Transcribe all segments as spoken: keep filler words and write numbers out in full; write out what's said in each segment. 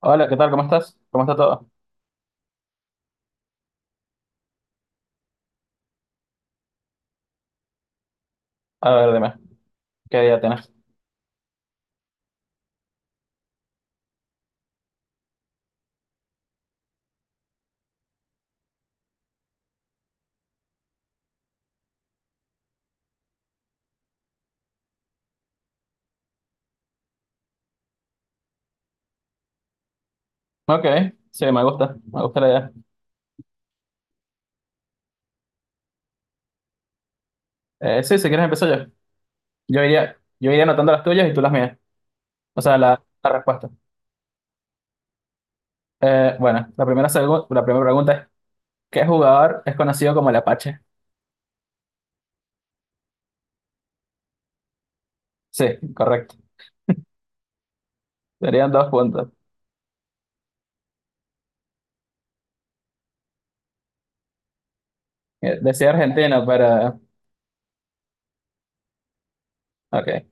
Hola, ¿qué tal? ¿Cómo estás? ¿Cómo está todo? A ver, dime, ¿qué idea tienes? Ok, sí, me gusta, me gusta la idea. Eh, sí, si quieres empiezo yo. Yo iría, yo iría anotando las tuyas y tú las mías. O sea, la, la respuesta. Eh, bueno, la primera, segu- la primera pregunta es, ¿qué jugador es conocido como el Apache? Sí, correcto. Serían dos puntos. Eh, Decía argentino, pero... Ok.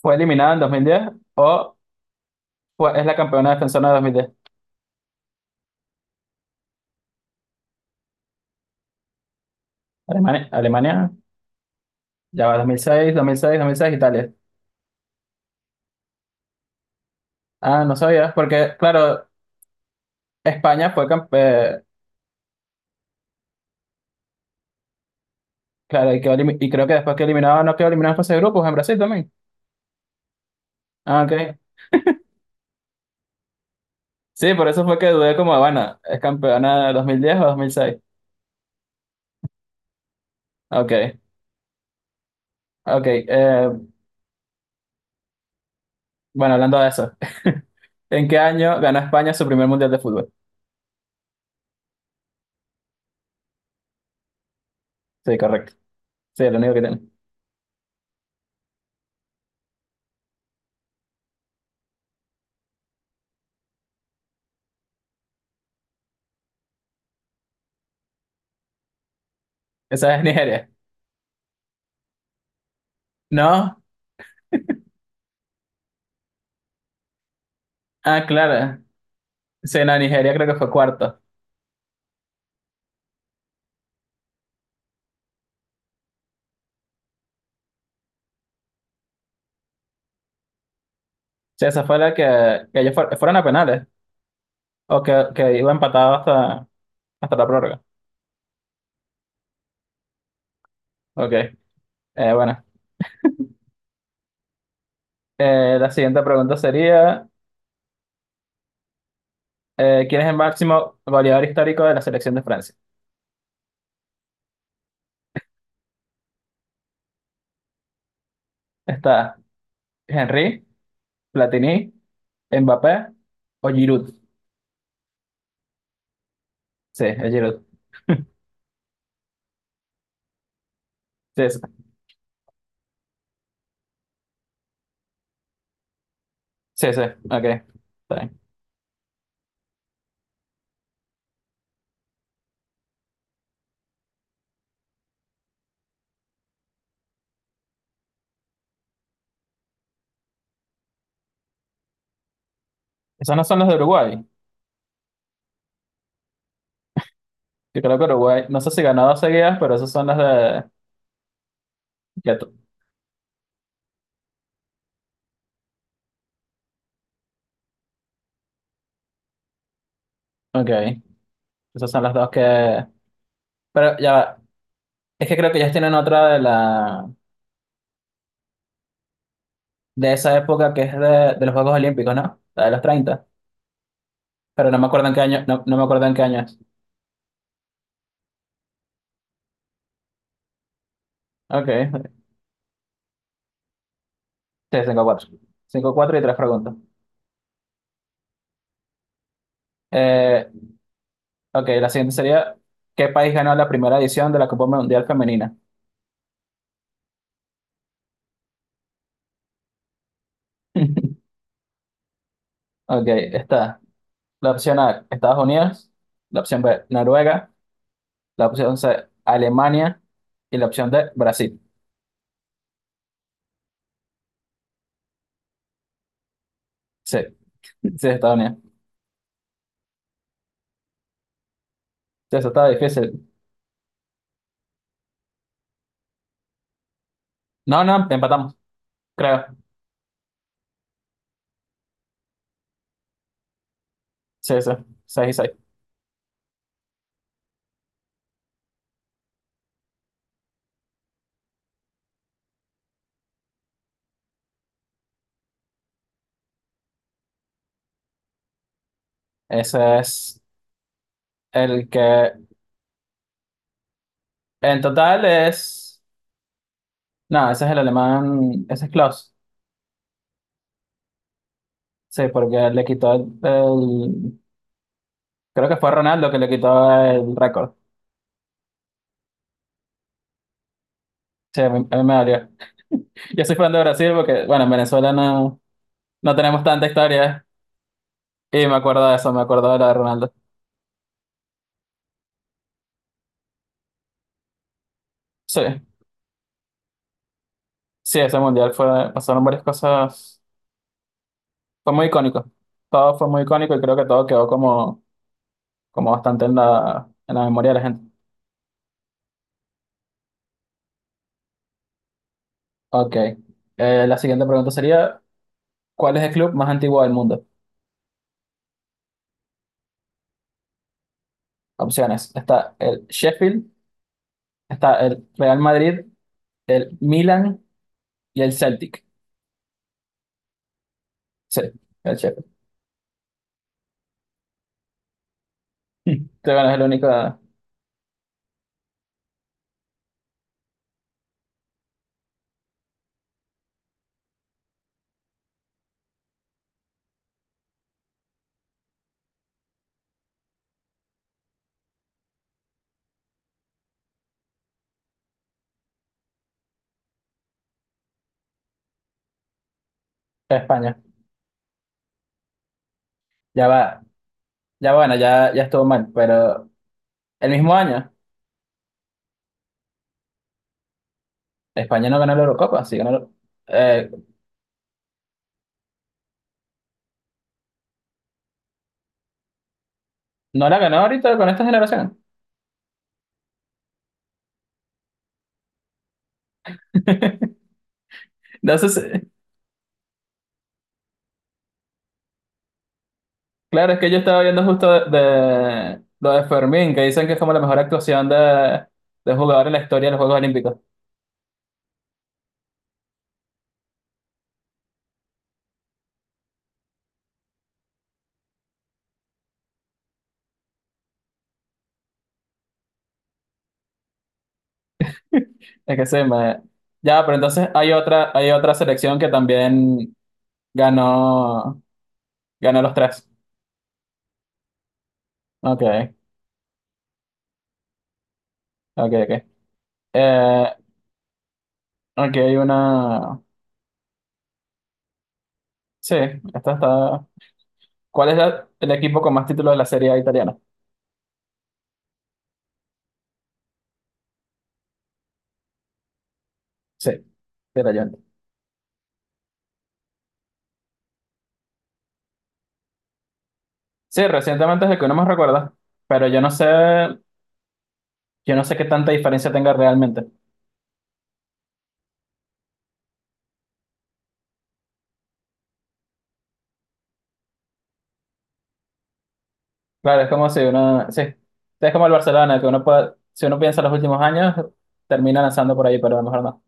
¿Fue eliminada en dos mil diez o fue- es la campeona defensora de dos mil diez? Alemania, Alemania, ya va dos dos mil mil seis, dos mil seis, dos mil seis, Italia. Ah, no sabías, porque, claro, España fue campeón, claro, y quedó elimi- y creo que después que eliminaron, no quedó eliminado en fase de grupos en Brasil también. Ah, ok. Sí, por eso fue que dudé como, bueno, ¿es campeona de dos mil diez o dos mil seis? Ok, ok. Eh, bueno, hablando de eso, ¿en qué año ganó España su primer mundial de fútbol? Sí, correcto. Sí, es lo único que tiene. Esa es Nigeria. ¿No? Ah, claro. Sí, no, Nigeria creo que fue cuarto. Sí, esa fue la que, que ellos fuer- fueron a penales, o que, que iba empatado hasta, hasta la prórroga. Ok, eh, bueno. Eh, la siguiente pregunta sería... Eh, ¿quién es el máximo goleador histórico de la selección de Francia? Está Henry, Platini, Mbappé o Giroud. Sí, es Giroud. Sí, sí, sí, sí, ok. Está bien. Esos no son los de Uruguay. Yo creo que Uruguay, no sé si ganó dos seguidas, pero esos son los de... ya tú. Ok, esos son los dos que... Pero ya va. Es que creo que ellos tienen otra de la... de esa época que es de, de los Juegos Olímpicos, ¿no? La de los treinta. Pero no me acuerdo en qué año, no, no me acuerdo en qué año es. Ok, sí, cinco cuatro. Cinco cuatro y tres preguntas. Eh, Ok, la siguiente sería, ¿qué país ganó la primera edición de la Copa Mundial Femenina? Ok, está la opción A, Estados Unidos, la opción B, Noruega, la opción C, Alemania y la opción D, Brasil. Sí, sí, Estados Unidos. Sí, eso estaba difícil. No, no, empatamos, creo. Sí, sí, seis y seis. Ese es el que en total es... No, ese es el alemán, ese es Klaus. Sí, porque le quitó el... el- creo que fue Ronaldo que le quitó el récord. Sí, a mí, a mí me dolió. Yo soy fan de Brasil porque, bueno, en Venezuela no, no tenemos tanta historia, ¿eh? Y me acuerdo de eso, me acuerdo de la de Ronaldo. Sí, sí, ese mundial fue, pasaron varias cosas, fue muy icónico. Todo fue muy icónico y creo que todo quedó como, como bastante en la, en la memoria de la gente. Ok, eh, la siguiente pregunta sería, ¿cuál es el club más antiguo del mundo? Opciones, está el Sheffield, está el Real Madrid, el Milan y el Celtic. Sí, el Sheffield. Sí, bueno, es el único de España. Ya va. Ya bueno, ya, ya estuvo mal, pero el mismo año España no ganó la Eurocopa, sí ganó, la- eh, no la ganó ahorita con esta generación. Entonces, claro, es que yo estaba viendo justo de, de lo de Fermín, que dicen que es como la mejor actuación de, de un jugador en la historia de los Juegos Olímpicos. Es que sí me... Ya, pero entonces hay otra, hay otra selección que también ganó, ganó los tres. Ok, ok, ok. Eh, ok, hay una... Sí, esta está... ¿Cuál es la- el equipo con más títulos de la Serie A italiana? Sí, Rayante. Sí, recientemente es el que uno más recuerda, pero yo no sé, yo no sé qué tanta diferencia tenga realmente. Claro, es como si uno, sí, es como el Barcelona, que uno puede, si uno piensa en los últimos años, termina lanzando por ahí, pero a lo mejor no.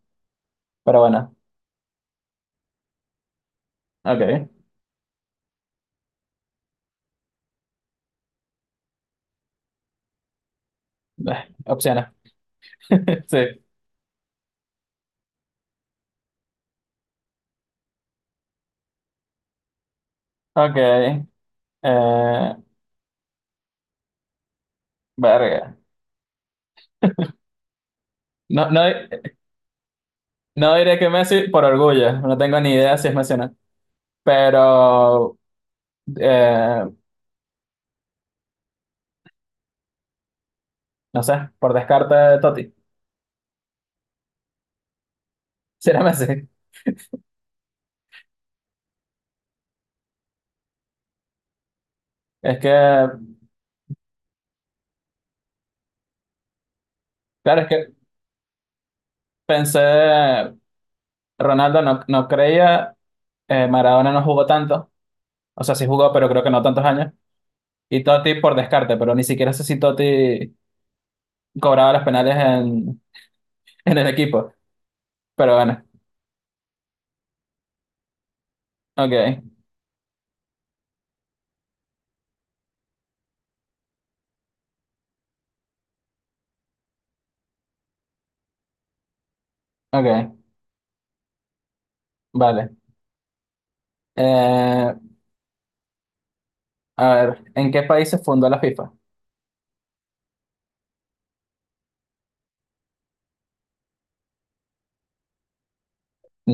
Pero bueno, ok. Eh, opciones. Sí, ok. Eh, verga. No, no, no diré que Messi por orgullo, no tengo ni idea si es Messi o no, pero eh, no sé, por descarte, Totti. Si era Messi. Es que, claro, es que pensé, Ronaldo no, no creía, eh, Maradona no jugó tanto, o sea, sí jugó, pero creo que no tantos años, y Totti por descarte, pero ni siquiera sé si Totti cobraba los penales en, en el equipo, pero bueno, ok, ok, vale. Eh, a ver, ¿en qué país se fundó la FIFA?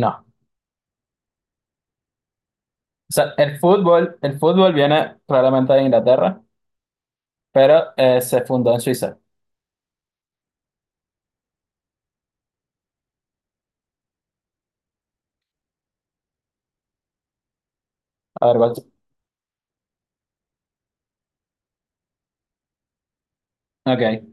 No, o sea, el fútbol, el fútbol viene probablemente de Inglaterra, pero eh, se fundó en Suiza. A ver, what- ok,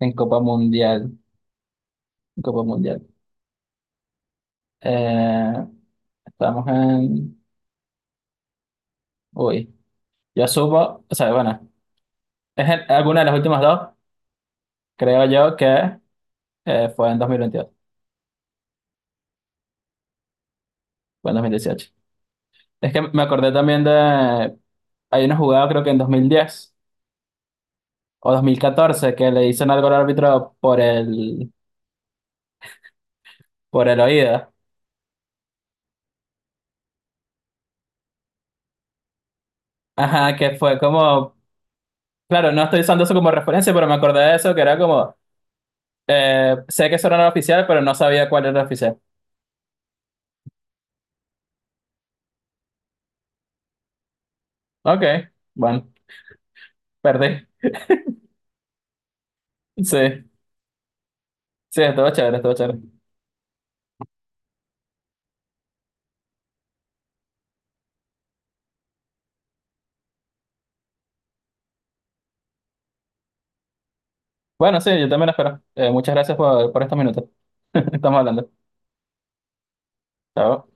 en Copa Mundial, Copa Mundial. Eh, estamos en... Uy. Yo supo, o sea, bueno, es en- alguna de las últimas dos, creo yo que eh, fue en dos mil veintidós, fue en dos mil dieciocho. Es que me acordé también de, hay una jugada creo que en dos mil diez o dos mil catorce que le hicieron algo al árbitro por el, por el oído. Ajá, que fue como, claro, no estoy usando eso como referencia, pero me acordé de eso, que era como, eh, sé que eso no era no oficial, pero no sabía cuál era oficial. Ok, bueno, perdí. Sí, sí, estuvo chévere, estuvo chévere. Bueno, sí, yo también espero. Eh, muchas gracias por, por estos minutos. Estamos hablando. Chao.